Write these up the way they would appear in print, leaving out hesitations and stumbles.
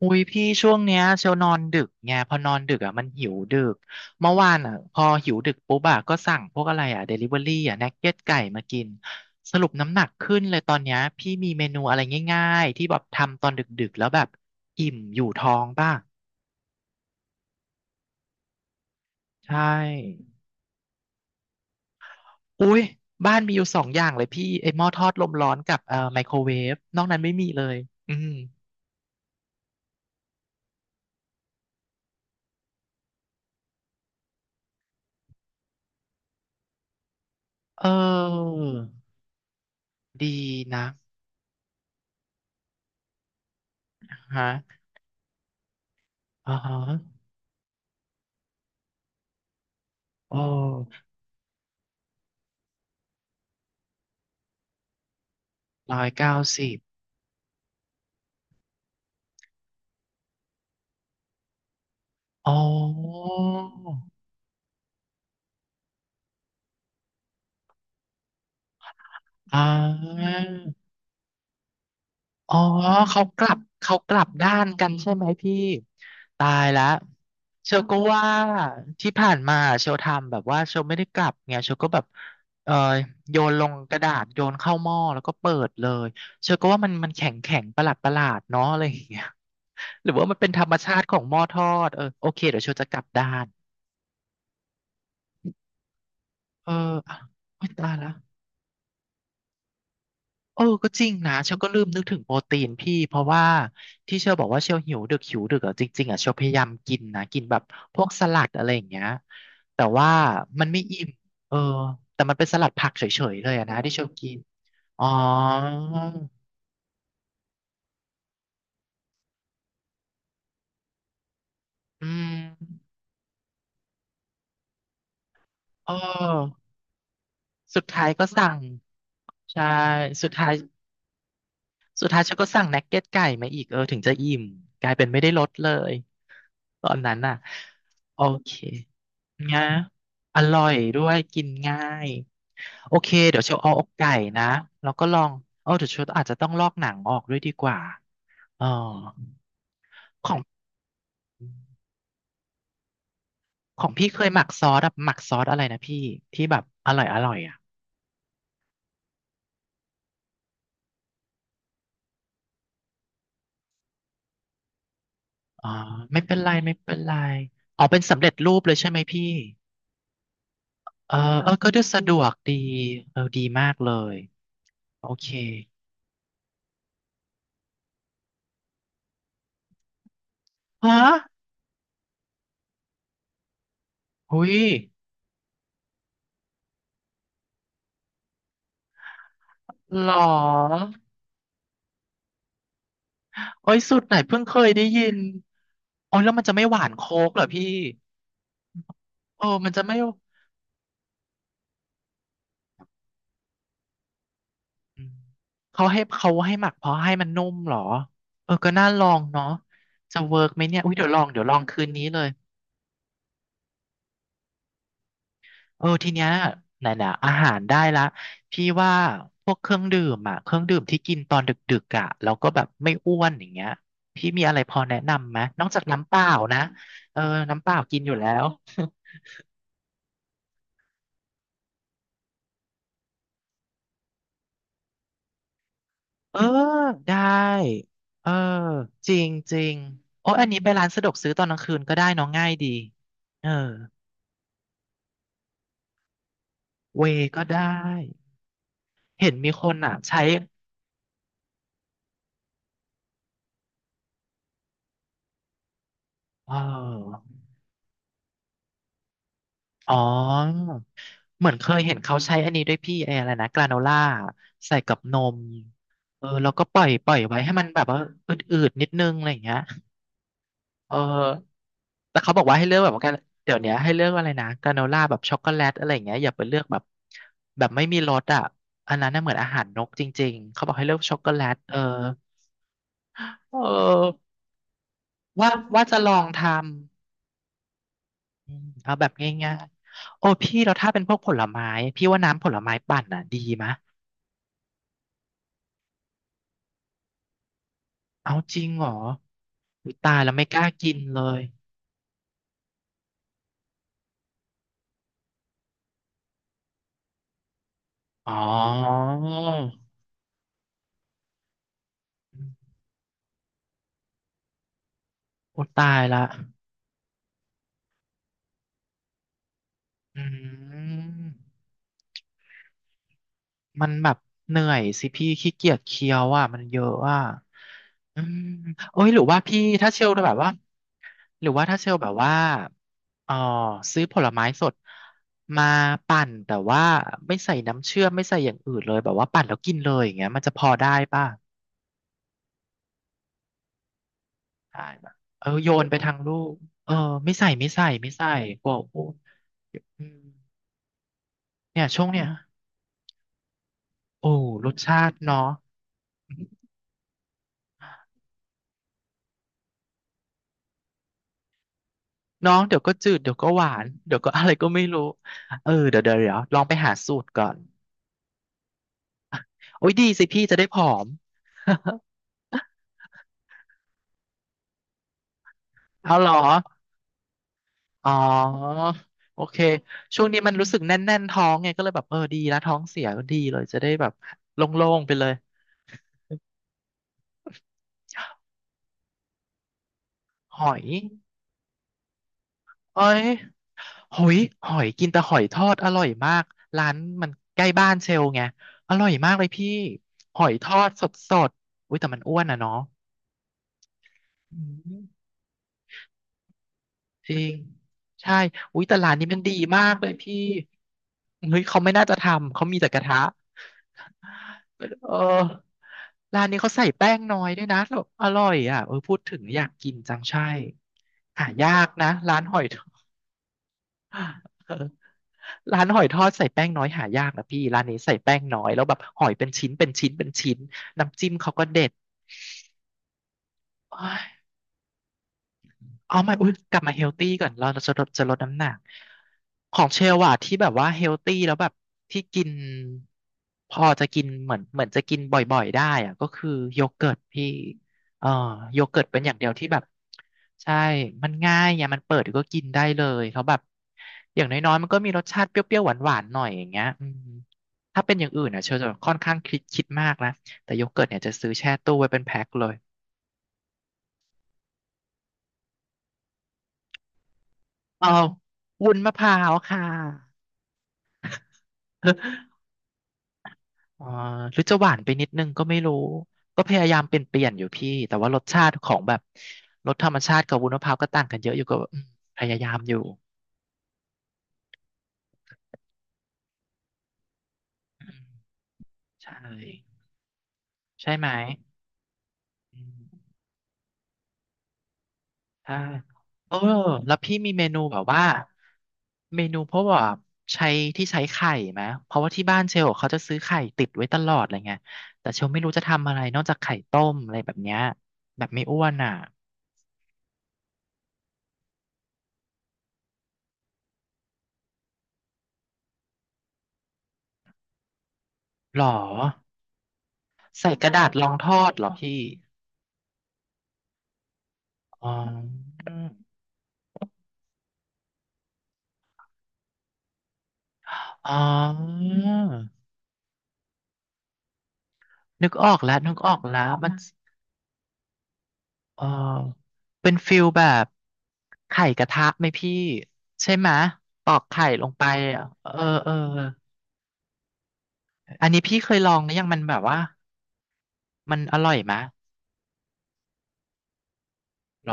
อุ้ยพี่ช่วงเนี้ยเชลนอนดึกไงพอนอนดึกอ่ะมันหิวดึกเมื่อวานอ่ะพอหิวดึกปุ๊บอ่ะก็สั่งพวกอะไรอ่ะเดลิเวอรี่อ่ะนักเก็ตไก่มากินสรุปน้ำหนักขึ้นเลยตอนเนี้ยพี่มีเมนูอะไรง่ายๆที่แบบทำตอนดึกๆแล้วแบบอิ่มอยู่ท้องป่ะใช่อุ้ยบ้านมีอยู่สองอย่างเลยพี่ไอหม้อทอดลมร้อนกับไมโครเวฟนอกนั้นไม่มีเลยอืมเออดีนะฮะอ๋อฮะโอ้190 อ๋ออ่าอ๋อเขากลับเขากลับด้านกันใช่ไหมพี่ตายละเชลก็ว่าที่ผ่านมาเชลทำแบบว่าเชลไม่ได้กลับไงเชลก็แบบเออโยนลงกระดาษโยนเข้าหม้อแล้วก็เปิดเลยเชลก็ว่ามันมันแข็งแข็งประหลาดประหลาดเนาะอะไรอย่างเงี้ยหรือว่ามันเป็นธรรมชาติของหม้อทอดเออโอเคเดี๋ยวเชลจะกลับด้านเอออ่ะโอ๊ยตายละ เออก็จริงนะเชลก็ลืมนึกถึงโปรตีนพี่เพราะว่าที่เชลบอกว่าเชลหิวดึกหิวดึกอะจริงๆอะเชลพยายามกินนะกินแบบพวกสลัดอะไรอย่างเงี้ยแต่ว่ามันไม่อิ่มเออแต่มันเป็นสลัดผักเฉยๆเลยอะนะที่เชลกินอ๋ออืมเออสุดท้ายก็สั่งใช่สุดท้ายสุดท้ายเชลก็สั่งนักเก็ตไก่มาอีกเออถึงจะอิ่มกลายเป็นไม่ได้ลดเลย ตอนนั้นน่ะโอเคนะอร่อยด้วยกินง่ายโอเคเดี๋ยวเชลเอาอกไก่นะแล้วก็ลองเออเดี๋ยวเชลอาจจะต้องลอกหนังออกด้วยดีกว่าเออของของพี่เคยหมักซอสแบบหมักซอสอะไรนะพี่ที่แบบอร่อยอร่อยอ่ะอ๋อไม่เป็นไรไม่เป็นไรอ๋อเป็นสำเร็จรูปเลยใช่ไหมพี่เออเออก็ดูสะดวกดีเออดีมากเลยโอเคฮะหุยหรอ โอ้ยสูตรไหนเพิ่งเคยได้ยินโอ้ยแล้วมันจะไม่หวานโค้กเหรอพี่เออมันจะไม่อืมเขาให้เขาให้หมักเพราะให้มันนุ่มเหรอเออก็น่าลองเนาะจะเวิร์กไหมเนี่ยอุ้ยเดี๋ยวลองเดี๋ยวลองคืนนี้เลยเออทีเนี้ยไหนๆอาหารได้ละพี่ว่าพวกเครื่องดื่มอ่ะเครื่องดื่มที่กินตอนดึกๆอ่ะแล้วก็แบบไม่อ้วนอย่างเงี้ยพี่มีอะไรพอแนะนำไหมนอกจากน้ำเปล่านะเออน้ำเปล่ากินอยู่แล้ว เออได้เออจริงจริงโอ้ยอันนี้ไปร้านสะดวกซื้อตอนกลางคืนก็ได้เน้องง่ายดีเออเวก็ได้เห็นมีคนอ่ะใช้เอออ๋อเหมือนเคยเห็นเขาใช้อันนี้ด้วยพี่ไออะไรนะกราโนล่าใส่กับนมเออแล้วก็ปล่อยปล่อยไว้ให้มันแบบว่าอืดๆนิดนึงอะไรอย่างเงี้ยเออ แต่เขาบอกว่าให้เลือกแบบว่ากันเดี๋ยวเนี้ยให้เลือกอะไรนะกราโนล่าแบบช็อกโกแลตอะไรอย่างเงี้ยอย่าไปเลือกแบบแบบไม่มีรสอ่ะอันนั้นน่ะเหมือนอาหารนกจริงๆเขาบอกให้เลือกช็อกโกแลตเออเออว่าว่าจะลองทำอืมเอาแบบง่ายๆโอ้พี่เราถ้าเป็นพวกผลไม้พี่ว่าน้ำผลไม้ปั่นอ่ะดีมะเอาจริงเหรออุ๊ยตายแล้วไม่กล้ากินเลยอ๋อโอ้ตายละอืม มันแบบเหนื่อยสิพี่ขี้เกียจเคี้ยวอ่ะมันเยอะอ่ะอืมเอ้ยหรือว่าพี่ถ้าเชลแบบว่าหรือว่าถ้าเชลแบบว่าเออซื้อผลไม้สดมาปั่นแต่ว่าไม่ใส่น้ำเชื่อมไม่ใส่อย่างอื่นเลยแบบว่าปั่นแล้วกินเลยอย่างเงี้ยมันจะพอได้ป่ะได้ป่ะเออโยนไปทางลูกเออไม่ใส่ไม่ใส่ไม่ใส่กลัวอ้วนอืมเนี่ยช่วงเนี้ยโอ้รสชาติเนาะ น้องเดี๋ยวก็จืดเดี๋ยวก็หวานเดี๋ยวก็ อะไรก็ไม่รู้เออเดี๋ยวเดี๋ยวเดี๋ยวลองไปหาสูตรก่อนโอ้ยดีสิพี่จะได้ผอม เอาเหรออ๋อโอเคช่วงนี้มันรู้สึกแน่นๆท้องไงก็เลยแบบเออดีแล้วท้องเสียก็ดีเลยจะได้แบบโล่งๆไปเลยหอยเอ้ยหอยหอยกินแต่หอยทอดอร่อยมากร้านมันใกล้บ้านเชลไงอร่อยมากเลยพี่หอยทอดสดๆอุ้ยแต่มันอ้วนอ่ะเนาะอืม จริงใช่อุ้ยแต่ร้านนี้มันดีมากเลยพี่เฮ้ยเขาไม่น่าจะทำเขามีแต่กระทะเออร้านนี้เขาใส่แป้งน้อยด้วยนะแล้วอร่อยอ่ะเออพูดถึงอยากกินจังใช่หายากนะร้านหอยทอด เออร้านหอยทอดใส่แป้งน้อยหายากนะพี่ร้านนี้ใส่แป้งน้อยแล้วแบบหอยเป็นชิ้นเป็นชิ้นเป็นชิ้นน้ำจิ้มเขาก็เด็ด เอาใหม่อุ้ยกลับมาเฮลตี้ก่อนเราจะลดน้ำหนักของเชลว่ะที่แบบว่าเฮลตี้แล้วแบบที่กินพอจะกินเหมือนจะกินบ่อยๆได้อะก็คือโยเกิร์ตพี่เอ่อโยเกิร์ตเป็นอย่างเดียวที่แบบใช่มันง่ายอย่ามันเปิดก็กินได้เลยแล้วแบบอย่างน้อยๆมันก็มีรสชาติเปรี้ยวๆหวานๆหน่อยอย่างเงี้ยอืมถ้าเป็นอย่างอื่นอ่ะเชลจะค่อนข้างคิดมากนะแต่โยเกิร์ตเนี่ยจะซื้อแช่ตู้ไว้เป็นแพ็คเลยเอาวุ้นมะพร้าวค่ะ อ่าหรือจะหวานไปนิดนึงก็ไม่รู้ ก็พยายามเปลี่ยนอยู่พี่ แต่ว่ารสชาติของแบบรสธรรมชาติกับวุ้นมะพร้าวก็ต่างกันเยอะอยู่ก็อืมพยายามอยู่อืมใช่ ใช่ไหมอืมใช่เออแล้วพี่มีเมนูแบบว่าเมนูเพราะว่าใช้ที่ใช้ไข่ไหม เพราะว่าที่บ้านเชลเขาจะซื้อไข่ติดไว้ตลอดอะไรเงี้ยแต่เชลไม่รู้จะทำอะไรนอกจากไข่ต้มอะไรแบบเนี้ยแบบไม่อ้วนอ่ะหรอใส่กระดาษรองทอดเหรอพี่ อ๋ออ๋อนึกออกแล้วนึกออกแล้วมันเออเป็นฟิลแบบไข่กระทะไหมพี่ใช่ไหมปอกไข่ลงไปอะเออเอออันนี้พี่เคยลองนะยังมันแบบว่ามันอร่อยไหมหรอ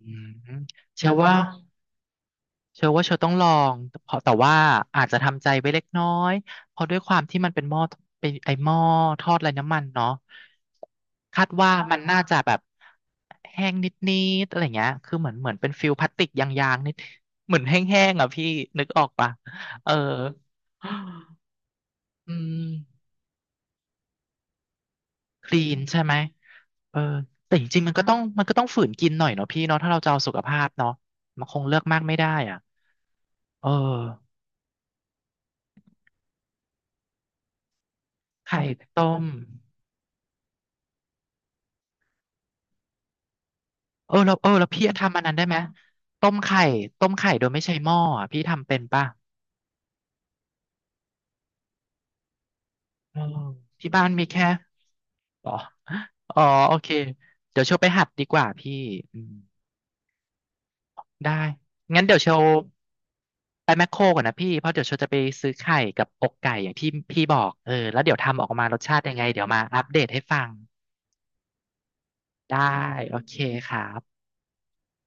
อืมเชื่อว่า เชื่อว่าเชอต้องลองเพราะแต่ว่าอาจจะทำใจไว้เล็กน้อยเพราะด้วยความที่มันเป็นหม้อเป็นไอหม้อทอดไร้น้ำมันเนาะคาดว่ามันน่าจะแบบแห้งนิดๆอะไรเงี้ยคือเหมือนเป็นฟิลพลาสติกยางๆนิดเหมือนแห้งๆอ่ะพี่นึกออกปะเออ อืมคลีนใช่ไหมเออแต่จริงๆมันก็ต้องฝืนกินหน่อยเนาะพี่เนาะถ้าเราจะเอาสุขภาพเนาะมันคงเลือกมากไม่ได้อ่ะเออไข่ต้ม เออแล้วพี่ทำอันนั้นได้ไหมต้มไข่ต้มไข่โดยไม่ใช้หม้ออะพี่ทำเป็นป่ะเออที่บ้านมีแค่อ๋ออ๋อโอเคเดี๋ยวเชลไปหัดดีกว่าพี่อืมได้งั้นเดี๋ยวเชลไปแมคโครก่อนนะพี่เพราะเดี๋ยวเชลจะไปซื้อไข่กับอกไก่อย่างที่พี่บอกเออแล้วเดี๋ยวทำออกมารสชาติยังไงเดี๋ยวมาอัปเดตให้ฟังได้โอเคครับ